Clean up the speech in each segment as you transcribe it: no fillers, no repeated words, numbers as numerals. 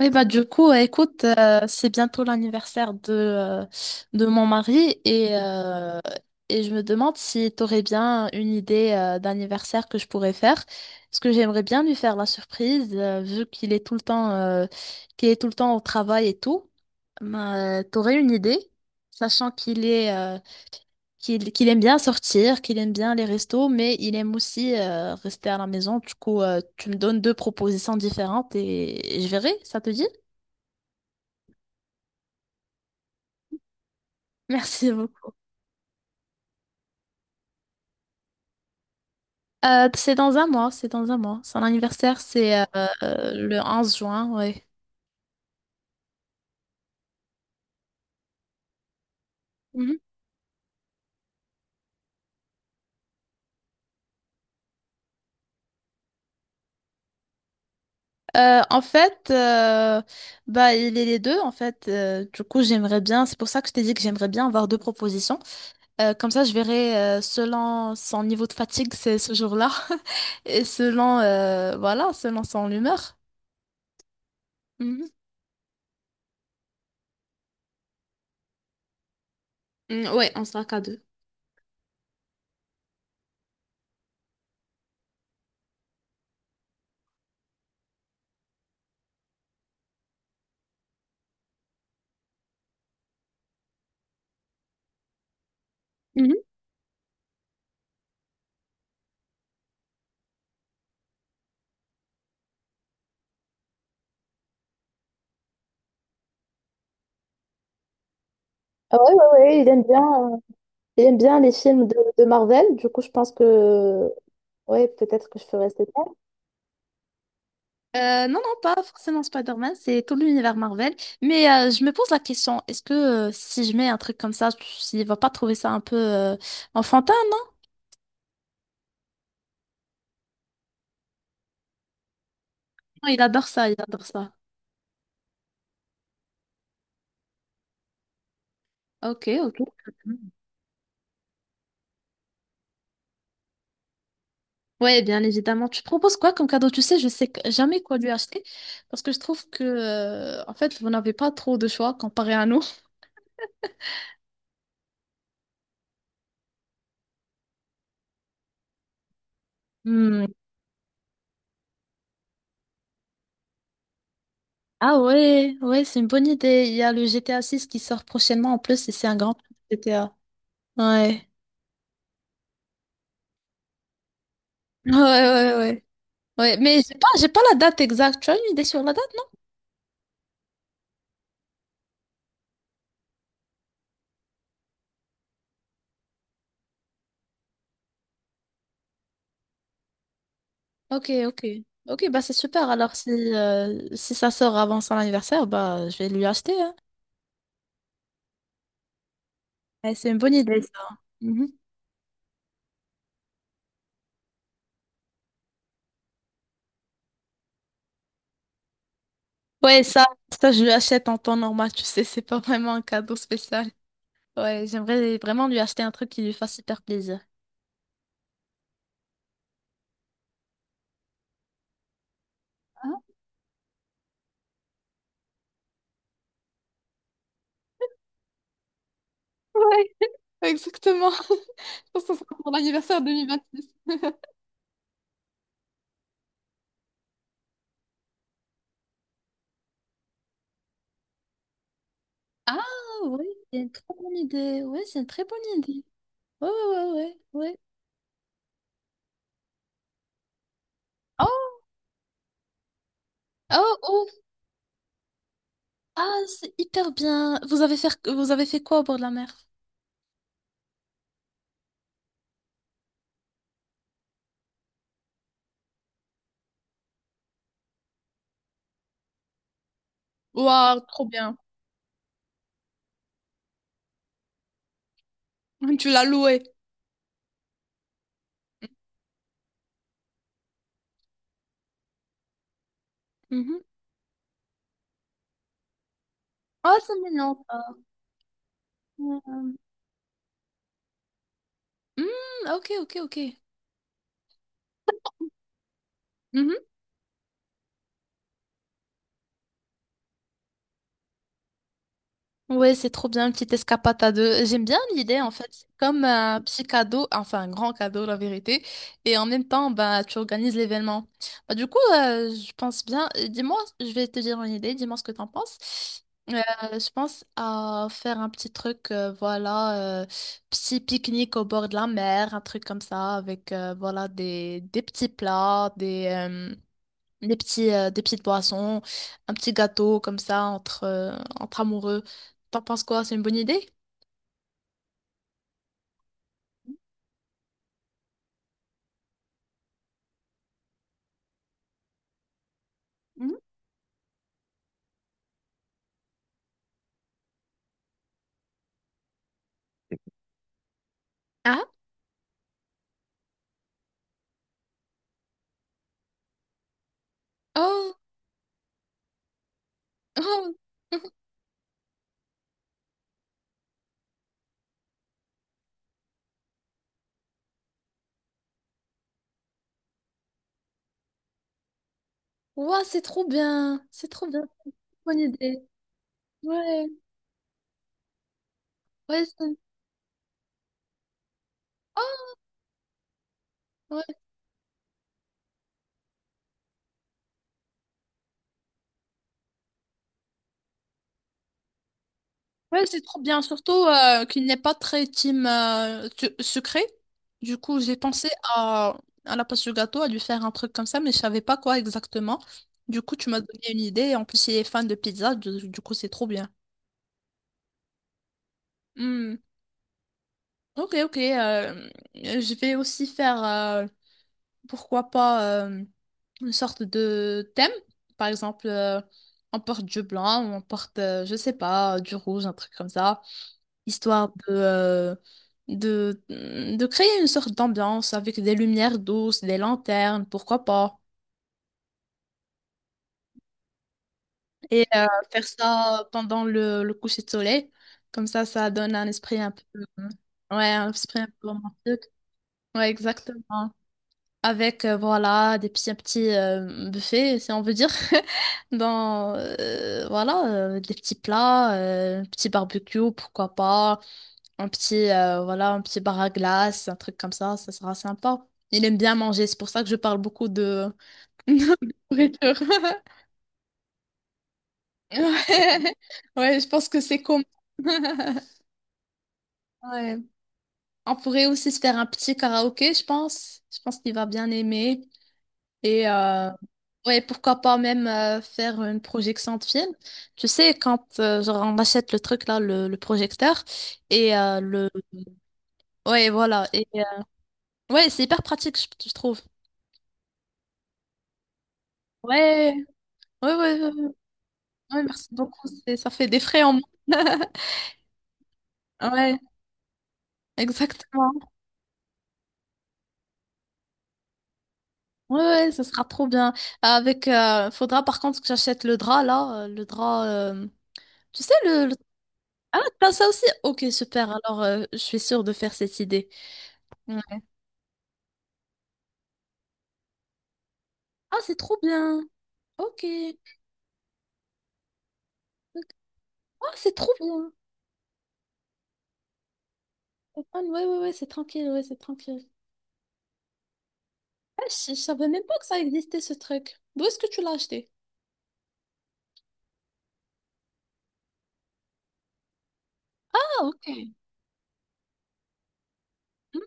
Oui, bah du coup, écoute, c'est bientôt l'anniversaire de mon mari et je me demande si tu aurais bien une idée d'anniversaire que je pourrais faire. Parce que j'aimerais bien lui faire la surprise, vu qu'il est tout le temps au travail et tout. Bah, t'aurais une idée, sachant qu'il aime bien sortir, qu'il aime bien les restos, mais il aime aussi rester à la maison. Du coup, tu me donnes deux propositions différentes et je verrai, ça te dit? Merci beaucoup. C'est dans un mois, c'est dans un mois. Son anniversaire, c'est le 11 juin, oui. Mhm. En fait, bah, il est les deux, en fait. Du coup, j'aimerais bien, c'est pour ça que je t'ai dit que j'aimerais bien avoir deux propositions. Comme ça, je verrai selon son niveau de fatigue c'est ce jour-là et selon, voilà, selon son humeur. Mhm. Mhm. Mm, ouais, on sera qu'à deux. Mhm. Ah ouais, ouais, ouais, il aime bien, euh, les films de Marvel. Du coup, je pense que. Ouais, peut-être que je ferais cette. Non, non, pas forcément Spider-Man, c'est tout l'univers Marvel. Mais je me pose la question, est-ce que si je mets un truc comme ça, il va pas trouver ça un peu enfantin, non? Non, il adore ça, il adore ça. Ok, ok. Ouais, bien évidemment. Tu proposes quoi comme cadeau? Tu sais, je sais jamais quoi lui acheter parce que je trouve que, en fait, vous n'avez pas trop de choix comparé à nous. Hmm. Ah ouais, ouais, c'est une bonne idée. Il y a le GTA 6 qui sort prochainement en plus et c'est un grand GTA. Ouais. Ouais, ouais, ouais. Ouais, mais j'ai pas la date exacte. Tu as une idée sur la date? Ok, ok. Ok, bah c'est super. Alors si, si ça sort avant son anniversaire, bah je vais lui acheter, hein. Ouais, c'est une bonne idée ça. Mhm. Ouais, ça je lui achète en temps normal, tu sais, c'est pas vraiment un cadeau spécial. Ouais, j'aimerais vraiment lui acheter un truc qui lui fasse super plaisir. Ah, ouais, exactement. Je pense que ça sera pour l'anniversaire 2026. Ah, oui, c'est une très bonne idée. Ouais, c'est une très bonne idée. Ouais, ouais, ouais, ouais, ouais. Oh, oh, oh. Ah, c'est hyper bien. Vous avez fait quoi au bord de la mer? Waouh, trop bien. Tu l'as loué. Mhm. Ah, c'est mignon, ça. Mm, ok, ok, ok. Ouais, c'est trop bien, une petite escapade à deux. J'aime bien l'idée, en fait. C'est comme un petit cadeau, enfin un grand cadeau, la vérité. Et en même temps, bah, tu organises l'événement. Bah, du coup, je pense bien. Dis-moi, je vais te dire une idée, dis-moi ce que t'en penses. Euh, je pense à faire un petit truc, voilà, petit pique-nique au bord de la mer, un truc comme ça, avec, voilà, des petits plats, des petites boissons, un petit gâteau comme ça entre amoureux. T'en penses quoi? C'est une bonne idée? Mhm. Ah? Oh! Oh! Ouah, c'est trop bien! C'est trop bien! Bonne idée. Ouais, ouais, c'est oh! Ouais. Ouais, c'est trop bien. Surtout qu'il n'est pas très team sucré. Du coup, j'ai pensé à la place du gâteau, à lui faire un truc comme ça, mais je savais pas quoi exactement. Du coup, tu m'as donné une idée. En plus, il est fan de pizza. Du coup, c'est trop bien. Ok, ok. Je vais aussi faire, pourquoi pas, une sorte de thème. Par exemple, on porte du blanc, ou on porte, je sais pas, du rouge, un truc comme ça, histoire de créer une sorte d'ambiance avec des lumières douces, des lanternes, pourquoi pas. Et faire ça pendant le coucher de soleil. Comme ça donne un esprit un peu, ouais, un esprit un peu romantique. Ouais, exactement. Avec voilà des petits un petit buffet si on veut dire, dans voilà des petits plats, un petit barbecue pourquoi pas, un petit voilà un petit bar à glace, un truc comme ça sera sympa. Il aime bien manger, c'est pour ça que je parle beaucoup de de nourriture. Ouais, ouais, je pense que c'est commun. Ouais, on pourrait aussi se faire un petit karaoké, je pense qu'il va bien aimer. Et ouais, pourquoi pas même faire une projection de film. Tu sais, quand genre, on achète le truc là, le projecteur, et le. Ouais, voilà. Et, ouais, c'est hyper pratique, je trouve. Ouais, ouais, ouais, ouais, ouais, ouais, merci beaucoup. Ça fait des frais en moins. Ouais, exactement. Ouais, ouais, ce sera trop bien. Avec, faudra par contre que j'achète le drap là, le drap. Tu sais le- Ah, t'as ça aussi? Ok, super. Alors, je suis sûre de faire cette idée. Mm. Ah, c'est trop bien. Ok. Ah, c'est trop bien. Ah, ouais, ouais, ouais, c'est tranquille, ouais, c'est tranquille. Ah, je savais même pas que ça existait, ce truc. D'où est-ce que tu l'as acheté? Ah, ok. Hmm.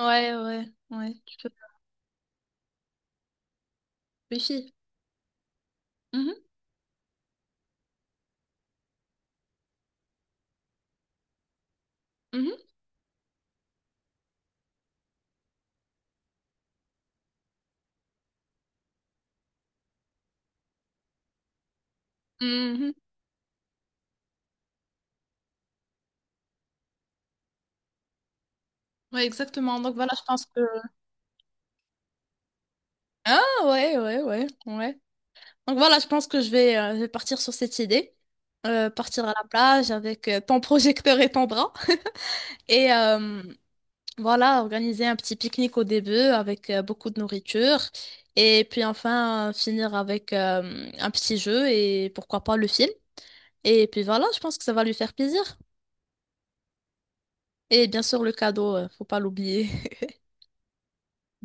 Ouais, ouais, ouais. Tu peux réfléchir. Mhm, mhm, mhm. Ouais, exactement. Donc voilà, je pense que. Ah, ouais, ouais, ouais, ouais. Donc voilà, je pense que je vais partir sur cette idée. Partir à la plage avec ton projecteur et ton bras. Et, voilà, organiser un petit pique-nique au début avec beaucoup de nourriture et puis enfin finir avec un petit jeu et pourquoi pas le film. Et puis voilà, je pense que ça va lui faire plaisir. Et bien sûr le cadeau, faut pas l'oublier.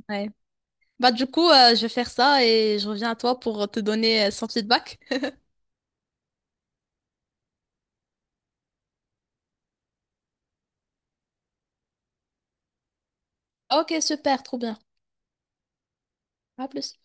Ouais. Bah du coup, je vais faire ça et je reviens à toi pour te donner son feedback. Ok, super, trop bien. À plus.